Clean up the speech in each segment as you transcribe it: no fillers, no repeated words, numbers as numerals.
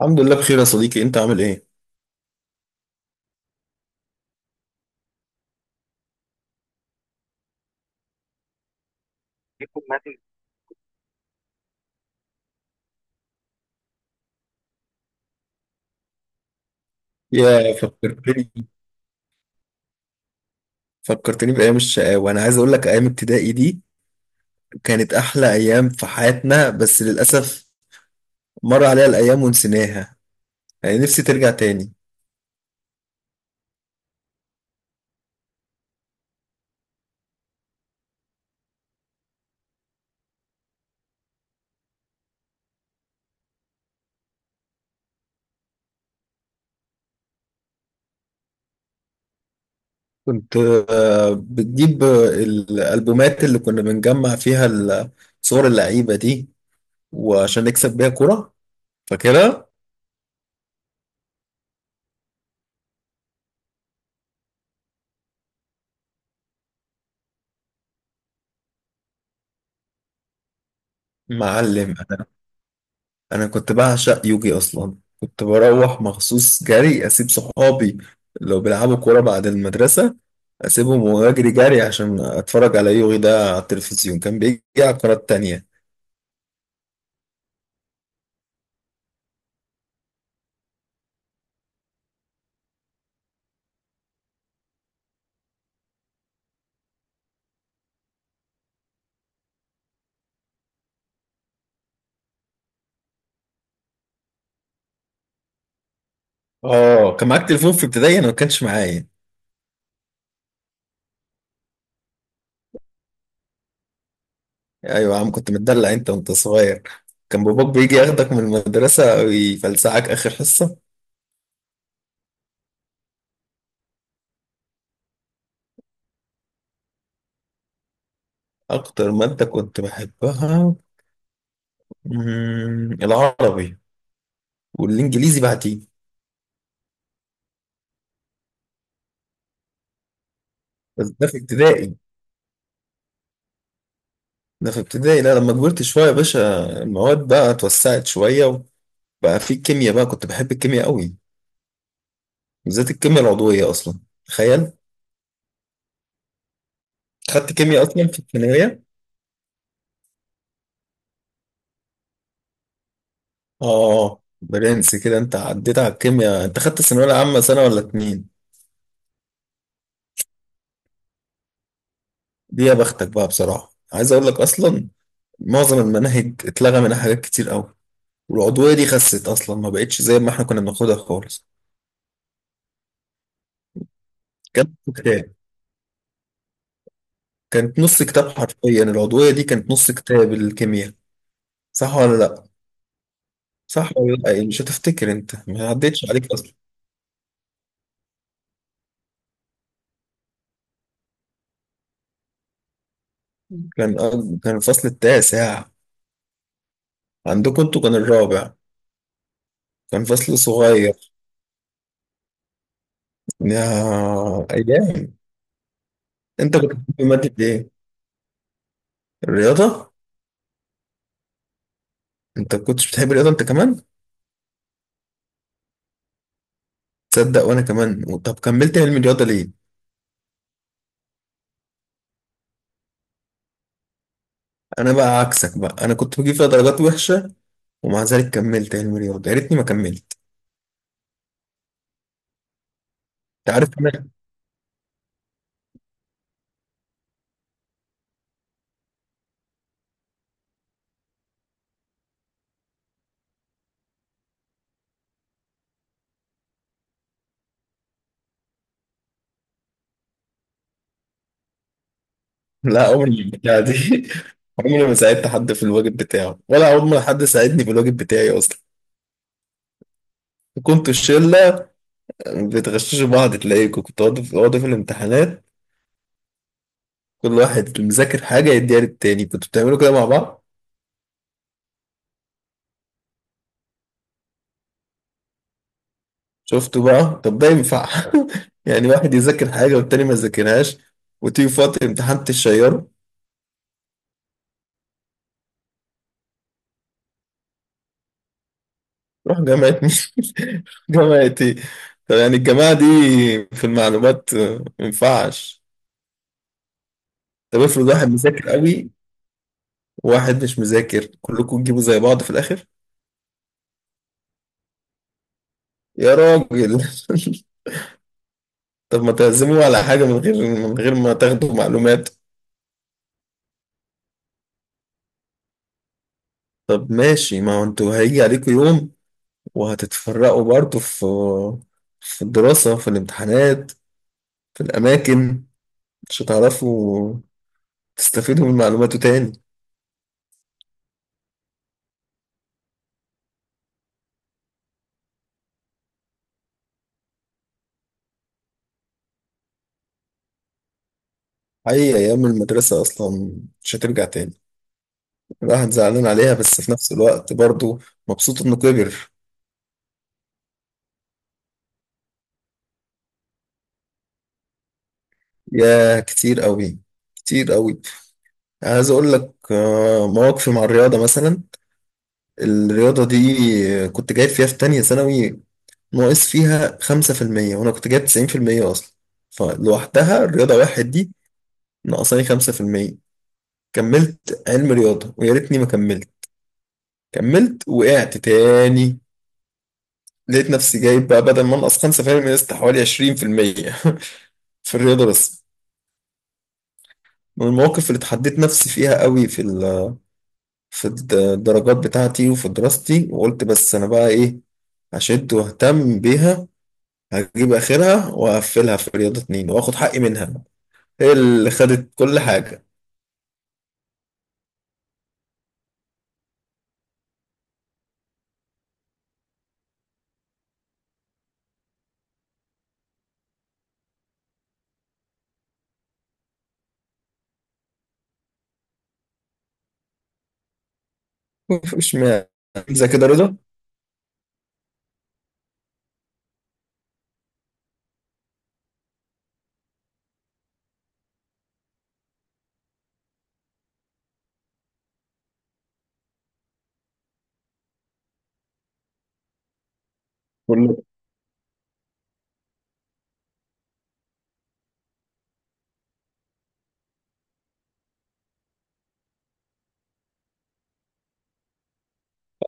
الحمد لله بخير يا صديقي، انت عامل ايه؟ يا فكرتني بايام الشقاوه. انا عايز اقول لك ايام ابتدائي دي كانت احلى ايام في حياتنا، بس للاسف مر عليها الايام ونسيناها. يعني نفسي ترجع تاني. كنت بتجيب الالبومات اللي كنا بنجمع فيها صور اللعيبه دي، وعشان نكسب بيها كرة. فاكرها؟ معلم انا كنت بعشق يوجي اصلا. كنت بروح مخصوص جري، اسيب صحابي لو بيلعبوا كورة بعد المدرسة، اسيبهم واجري جري عشان اتفرج على يوغي ده على التلفزيون. كان بيجي على القناة التانية. اه، كان معاك تليفون في ابتدائي؟ انا ما كانش معايا. ايوه يا عم، كنت متدلع انت وانت صغير. كان باباك بيجي ياخدك من المدرسة ويفلسعك اخر حصة. اكتر مادة كنت بحبها، العربي، والانجليزي بعدين. بس ده في ابتدائي. ده في ابتدائي، لا لما كبرت شوية يا باشا المواد بقى اتوسعت شوية، وبقى في كيمياء بقى. كنت بحب الكيمياء قوي، بالذات الكيمياء العضوية اصلا. تخيل. خدت كيمياء اصلا في الثانويه. اه برنس كده. انت عديت على الكيمياء. انت خدت الثانويه العامه سنه ولا اتنين؟ دي يا بختك بقى. بصراحه عايز اقول لك اصلا، معظم المناهج اتلغى منها حاجات كتير قوي، والعضويه دي خست اصلا، ما بقتش زي ما احنا كنا بناخدها خالص. كانت كتاب كانت نص كتاب، حرفيا العضويه دي كانت نص كتاب الكيمياء. صح ولا لا؟ صح ولا لا؟ يعني مش هتفتكر، انت ما عدتش عليك اصلا. كان كان الفصل التاسع. عندكم انتوا كان الرابع. كان فصل صغير. يا ايام. انت كنت بتحب ماده ايه؟ الرياضه؟ انت كنتش بتحب الرياضه انت كمان؟ تصدق وانا كمان؟ طب كملت علم الرياضه ليه؟ انا بقى عكسك بقى، انا كنت بجيب فيها درجات وحشه، ومع ذلك كملت علم الرياضه. يا ريتني ما كملت. انت عارف انا لا، عمري البتاع دي عمري ما ساعدت حد في الواجب بتاعه، ولا عمر ما حد ساعدني في الواجب بتاعي اصلا. كنت الشله بتغششوا بعض، تلاقيكم كنت اقعد في أقعدوا في الامتحانات كل واحد مذاكر حاجه يديها للتاني. كنتوا بتعملوا كده مع بعض؟ شفتوا بقى، طب ده ينفع؟ يعني واحد يذاكر حاجة والتاني ما يذاكرهاش، وتيجي في وقت الامتحان تشيره؟ روح جامعة مين؟ جامعة ايه؟ طب يعني الجماعة دي في المعلومات ما ينفعش. طب افرض واحد مذاكر قوي وواحد مش مذاكر، كلكم تجيبوا زي بعض في الآخر. يا راجل طب ما تعزموا على حاجة من غير ما تاخدوا معلومات. طب ماشي، ما هو انتوا هيجي عليكم يوم وهتتفرقوا برضه، في الدراسة، في الامتحانات، في الأماكن، مش هتعرفوا تستفيدوا من معلوماته تاني. أي أيام المدرسة أصلا مش هترجع تاني. الواحد زعلان عليها بس في نفس الوقت برضه مبسوط إنه كبر. يا كتير أوي، كتير أوي. عايز أقول لك مواقفي مع الرياضة مثلا. الرياضة دي كنت جايب فيها في تانية ثانوي، ناقص فيها 5%، وأنا كنت جايب 90% أصلا. فلوحدها الرياضة واحد دي ناقصاني 5%. كملت علم رياضة، ويا ريتني ما كملت. كملت، وقعت تاني. لقيت نفسي جايب بقى، بدل ما انقص 5% من الست، حوالي 20% في المية في الرياضة بس. من المواقف اللي اتحديت نفسي فيها قوي في الدرجات بتاعتي وفي دراستي. وقلت، بس انا بقى ايه، هشد واهتم بيها، هجيب اخرها، وهقفلها في رياضة اتنين، واخد حقي منها، هي اللي خدت كل حاجة. مش معنى زي كده رضا. كله.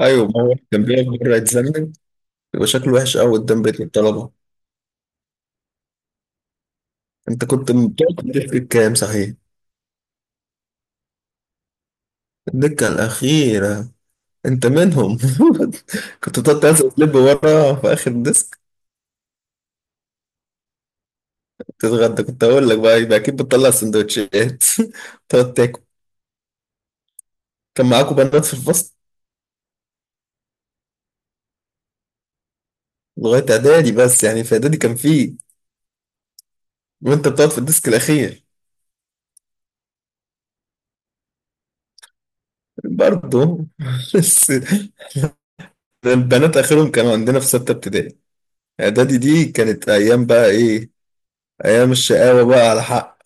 ايوه، ما هو كان بيقف بره يتذنب، يبقى شكله وحش قوي قدام بيت الطلبة. انت كنت بتقعد تحكي كام صحيح؟ الدكة الأخيرة، أنت منهم؟ كنت تقعد تنزل تلب ورا في آخر الديسك؟ تتغدى؟ كنت أقول لك بقى، يبقى أكيد بتطلع سندوتشات تقعد تاكل. كان معاكم بنات في الفصل؟ لغاية إعدادي بس، يعني في إعدادي كان فيه. وأنت بتقعد في الديسك الأخير؟ برضه بس البنات آخرهم كانوا عندنا في ستة ابتدائي. إعدادي دي كانت أيام بقى إيه، أيام الشقاوة بقى على حق.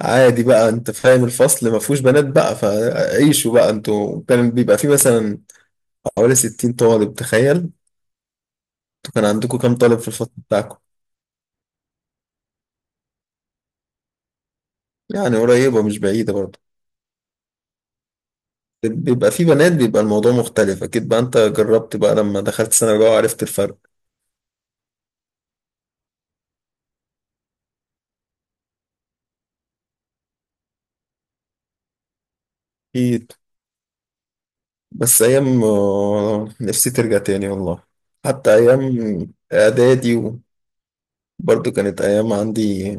عادي بقى، انت فاهم الفصل ما فيهوش بنات بقى، فعيشوا بقى. انتوا كان بيبقى فيه مثلا حوالي 60 طالب، تخيل. انتوا كان عندكم كام طالب في الفصل بتاعكم؟ يعني قريبة، مش بعيدة برضه. بيبقى في بنات بيبقى الموضوع مختلف أكيد بقى. أنت جربت بقى لما دخلت سنة رابعة وعرفت الفرق؟ أكيد. بس أيام نفسي ترجع تاني والله. حتى أيام إعدادي برضه كانت أيام. عندي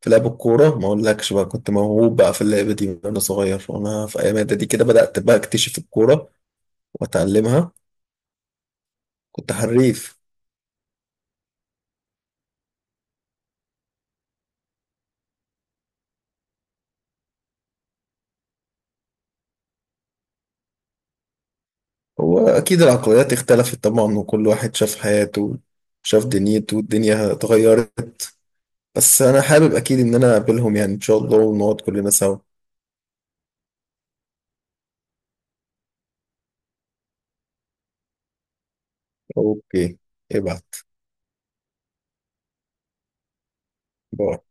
في لعب الكورة ما أقولكش بقى، كنت موهوب بقى في اللعبة دي وأنا صغير. وأنا في أيام إعدادي كده بدأت بقى أكتشف الكورة وأتعلمها. كنت حريف. هو أكيد العقليات اختلفت طبعا، وكل واحد شاف حياته، شاف دنيته، الدنيا اتغيرت. بس أنا حابب أكيد إن أنا أقابلهم، يعني إن شاء الله ونقعد كلنا سوا. أوكي، ابعت. باي.